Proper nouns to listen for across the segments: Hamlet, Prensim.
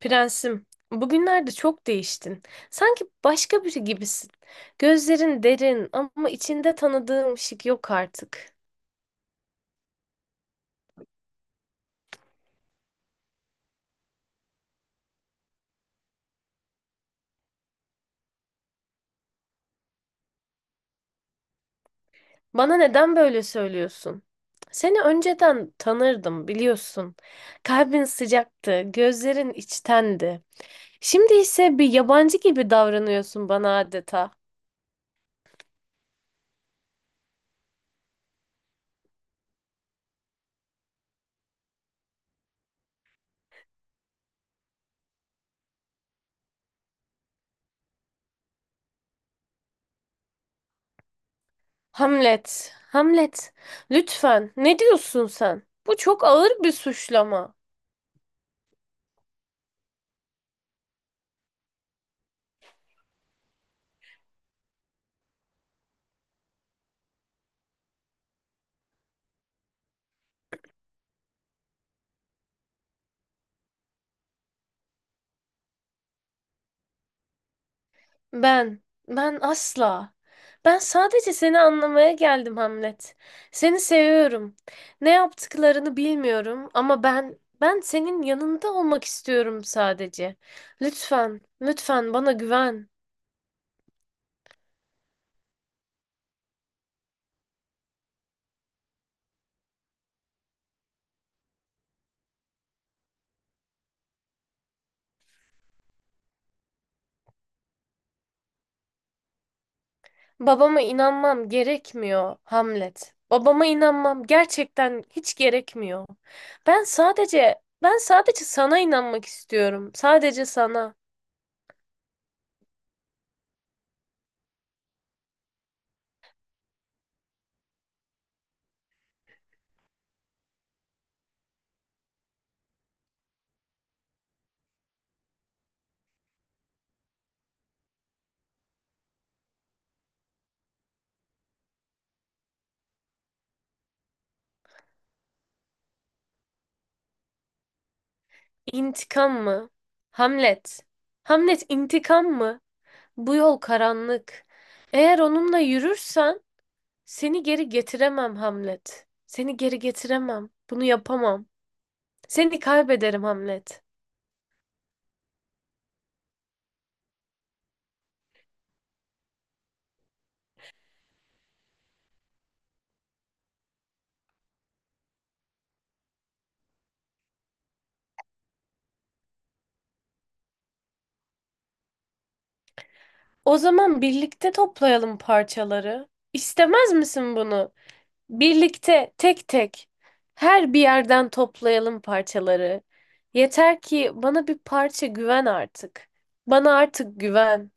Prensim, bugünlerde çok değiştin. Sanki başka biri gibisin. Gözlerin derin ama içinde tanıdığım ışık yok artık. Bana neden böyle söylüyorsun? Seni önceden tanırdım biliyorsun. Kalbin sıcaktı, gözlerin içtendi. Şimdi ise bir yabancı gibi davranıyorsun bana adeta. Hamlet, Hamlet, lütfen ne diyorsun sen? Bu çok ağır bir suçlama. Ben, ben asla. Ben sadece seni anlamaya geldim Hamlet. Seni seviyorum. Ne yaptıklarını bilmiyorum ama ben senin yanında olmak istiyorum sadece. Lütfen bana güven. Babama inanmam gerekmiyor Hamlet. Babama inanmam gerçekten hiç gerekmiyor. Ben sadece sana inanmak istiyorum. Sadece sana. İntikam mı? Hamlet. Hamlet intikam mı? Bu yol karanlık. Eğer onunla yürürsen seni geri getiremem Hamlet. Seni geri getiremem. Bunu yapamam. Seni kaybederim Hamlet. O zaman birlikte toplayalım parçaları. İstemez misin bunu? Birlikte tek tek her bir yerden toplayalım parçaları. Yeter ki bana bir parça güven artık. Bana artık güven.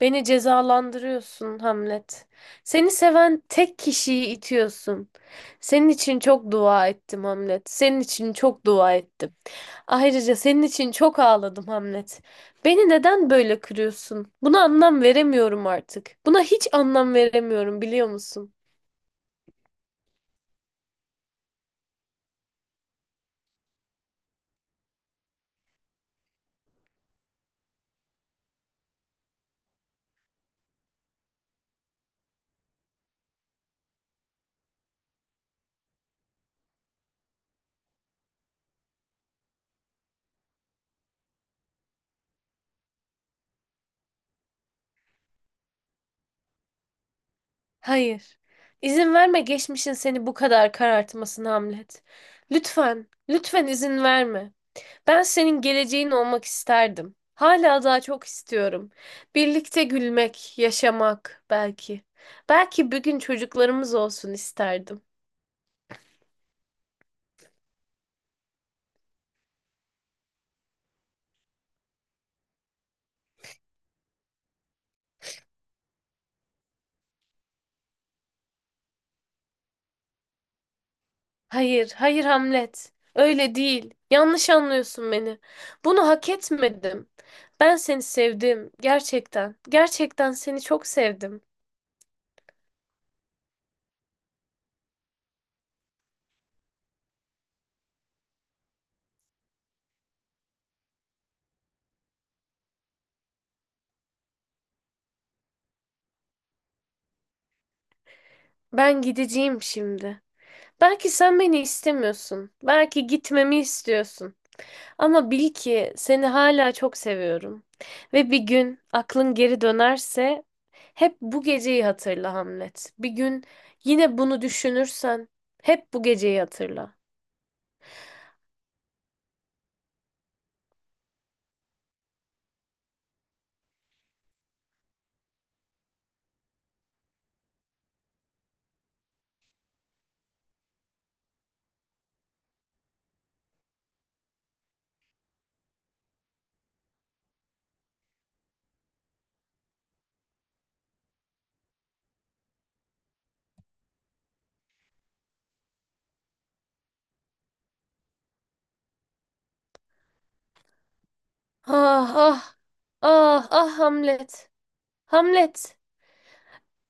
Beni cezalandırıyorsun Hamlet. Seni seven tek kişiyi itiyorsun. Senin için çok dua ettim Hamlet. Senin için çok dua ettim. Ayrıca senin için çok ağladım Hamlet. Beni neden böyle kırıyorsun? Buna anlam veremiyorum artık. Buna hiç anlam veremiyorum biliyor musun? Hayır. İzin verme geçmişin seni bu kadar karartmasına Hamlet. Lütfen izin verme. Ben senin geleceğin olmak isterdim. Hala daha çok istiyorum. Birlikte gülmek, yaşamak belki. Belki bir gün çocuklarımız olsun isterdim. Hayır Hamlet. Öyle değil. Yanlış anlıyorsun beni. Bunu hak etmedim. Ben seni sevdim. Gerçekten. Gerçekten seni çok sevdim. Ben gideceğim şimdi. Belki sen beni istemiyorsun. Belki gitmemi istiyorsun. Ama bil ki seni hala çok seviyorum. Ve bir gün aklın geri dönerse hep bu geceyi hatırla Hamlet. Bir gün yine bunu düşünürsen hep bu geceyi hatırla. Ah ah ah Hamlet. Hamlet.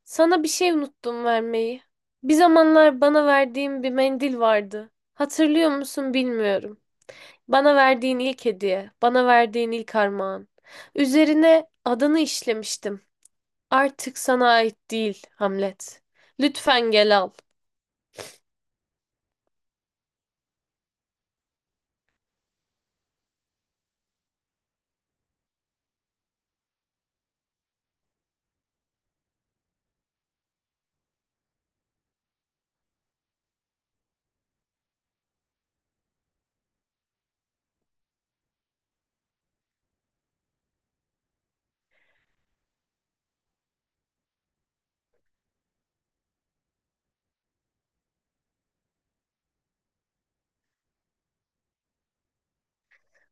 Sana bir şey unuttum vermeyi. Bir zamanlar bana verdiğin bir mendil vardı. Hatırlıyor musun bilmiyorum. Bana verdiğin ilk hediye, bana verdiğin ilk armağan. Üzerine adını işlemiştim. Artık sana ait değil, Hamlet. Lütfen gel al.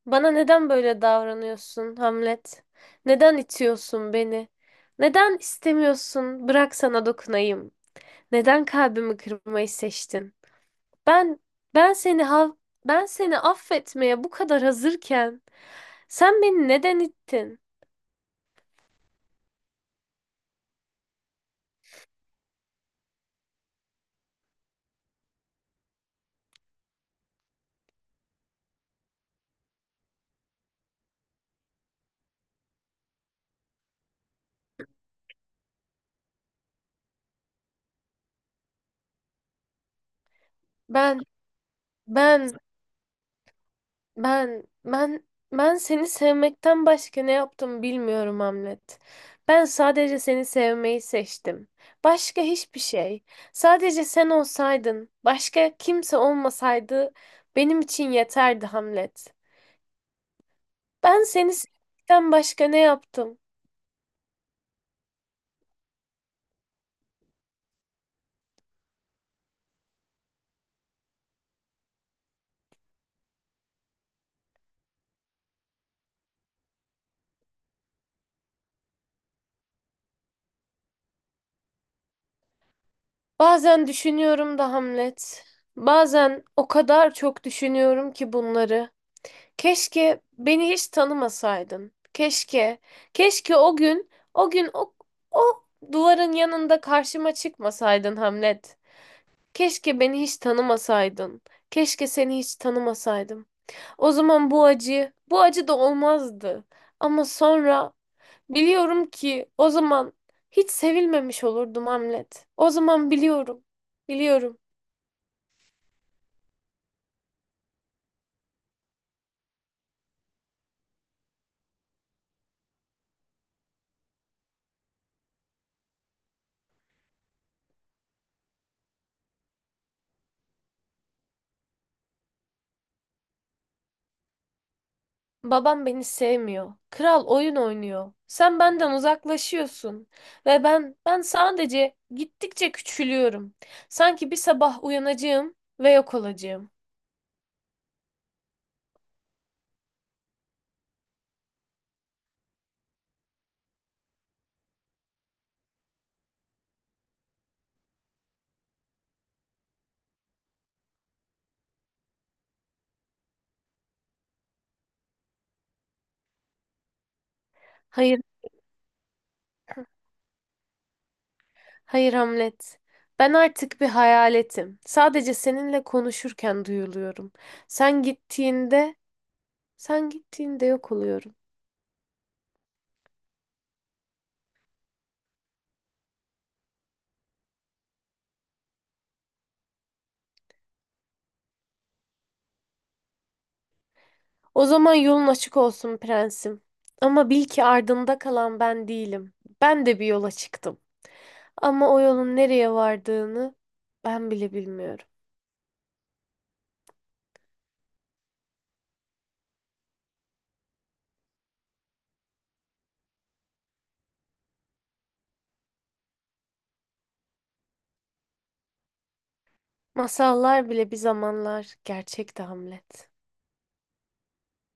Bana neden böyle davranıyorsun, Hamlet? Neden itiyorsun beni? Neden istemiyorsun, bırak sana dokunayım? Neden kalbimi kırmayı seçtin? Ben ben seni ha- ben seni affetmeye bu kadar hazırken sen beni neden ittin? Ben ben ben ben ben seni sevmekten başka ne yaptım bilmiyorum Hamlet. Ben sadece seni sevmeyi seçtim. Başka hiçbir şey. Sadece sen olsaydın, başka kimse olmasaydı benim için yeterdi Hamlet. Ben seni sevmekten başka ne yaptım? Bazen düşünüyorum da Hamlet. Bazen o kadar çok düşünüyorum ki bunları. Keşke beni hiç tanımasaydın. Keşke o gün, o duvarın yanında karşıma çıkmasaydın Hamlet. Keşke beni hiç tanımasaydın. Keşke seni hiç tanımasaydım. O zaman bu acı da olmazdı. Ama sonra biliyorum ki o zaman hiç sevilmemiş olurdum Hamlet. O zaman biliyorum. Babam beni sevmiyor. Kral oyun oynuyor. Sen benden uzaklaşıyorsun ve ben sadece gittikçe küçülüyorum. Sanki bir sabah uyanacağım ve yok olacağım. Hayır. Hayır Hamlet. Ben artık bir hayaletim. Sadece seninle konuşurken duyuluyorum. Sen gittiğinde, sen gittiğinde yok oluyorum. O zaman yolun açık olsun prensim. Ama bil ki ardında kalan ben değilim. Ben de bir yola çıktım. Ama o yolun nereye vardığını ben bile bilmiyorum. Masallar bile bir zamanlar gerçekti Hamlet.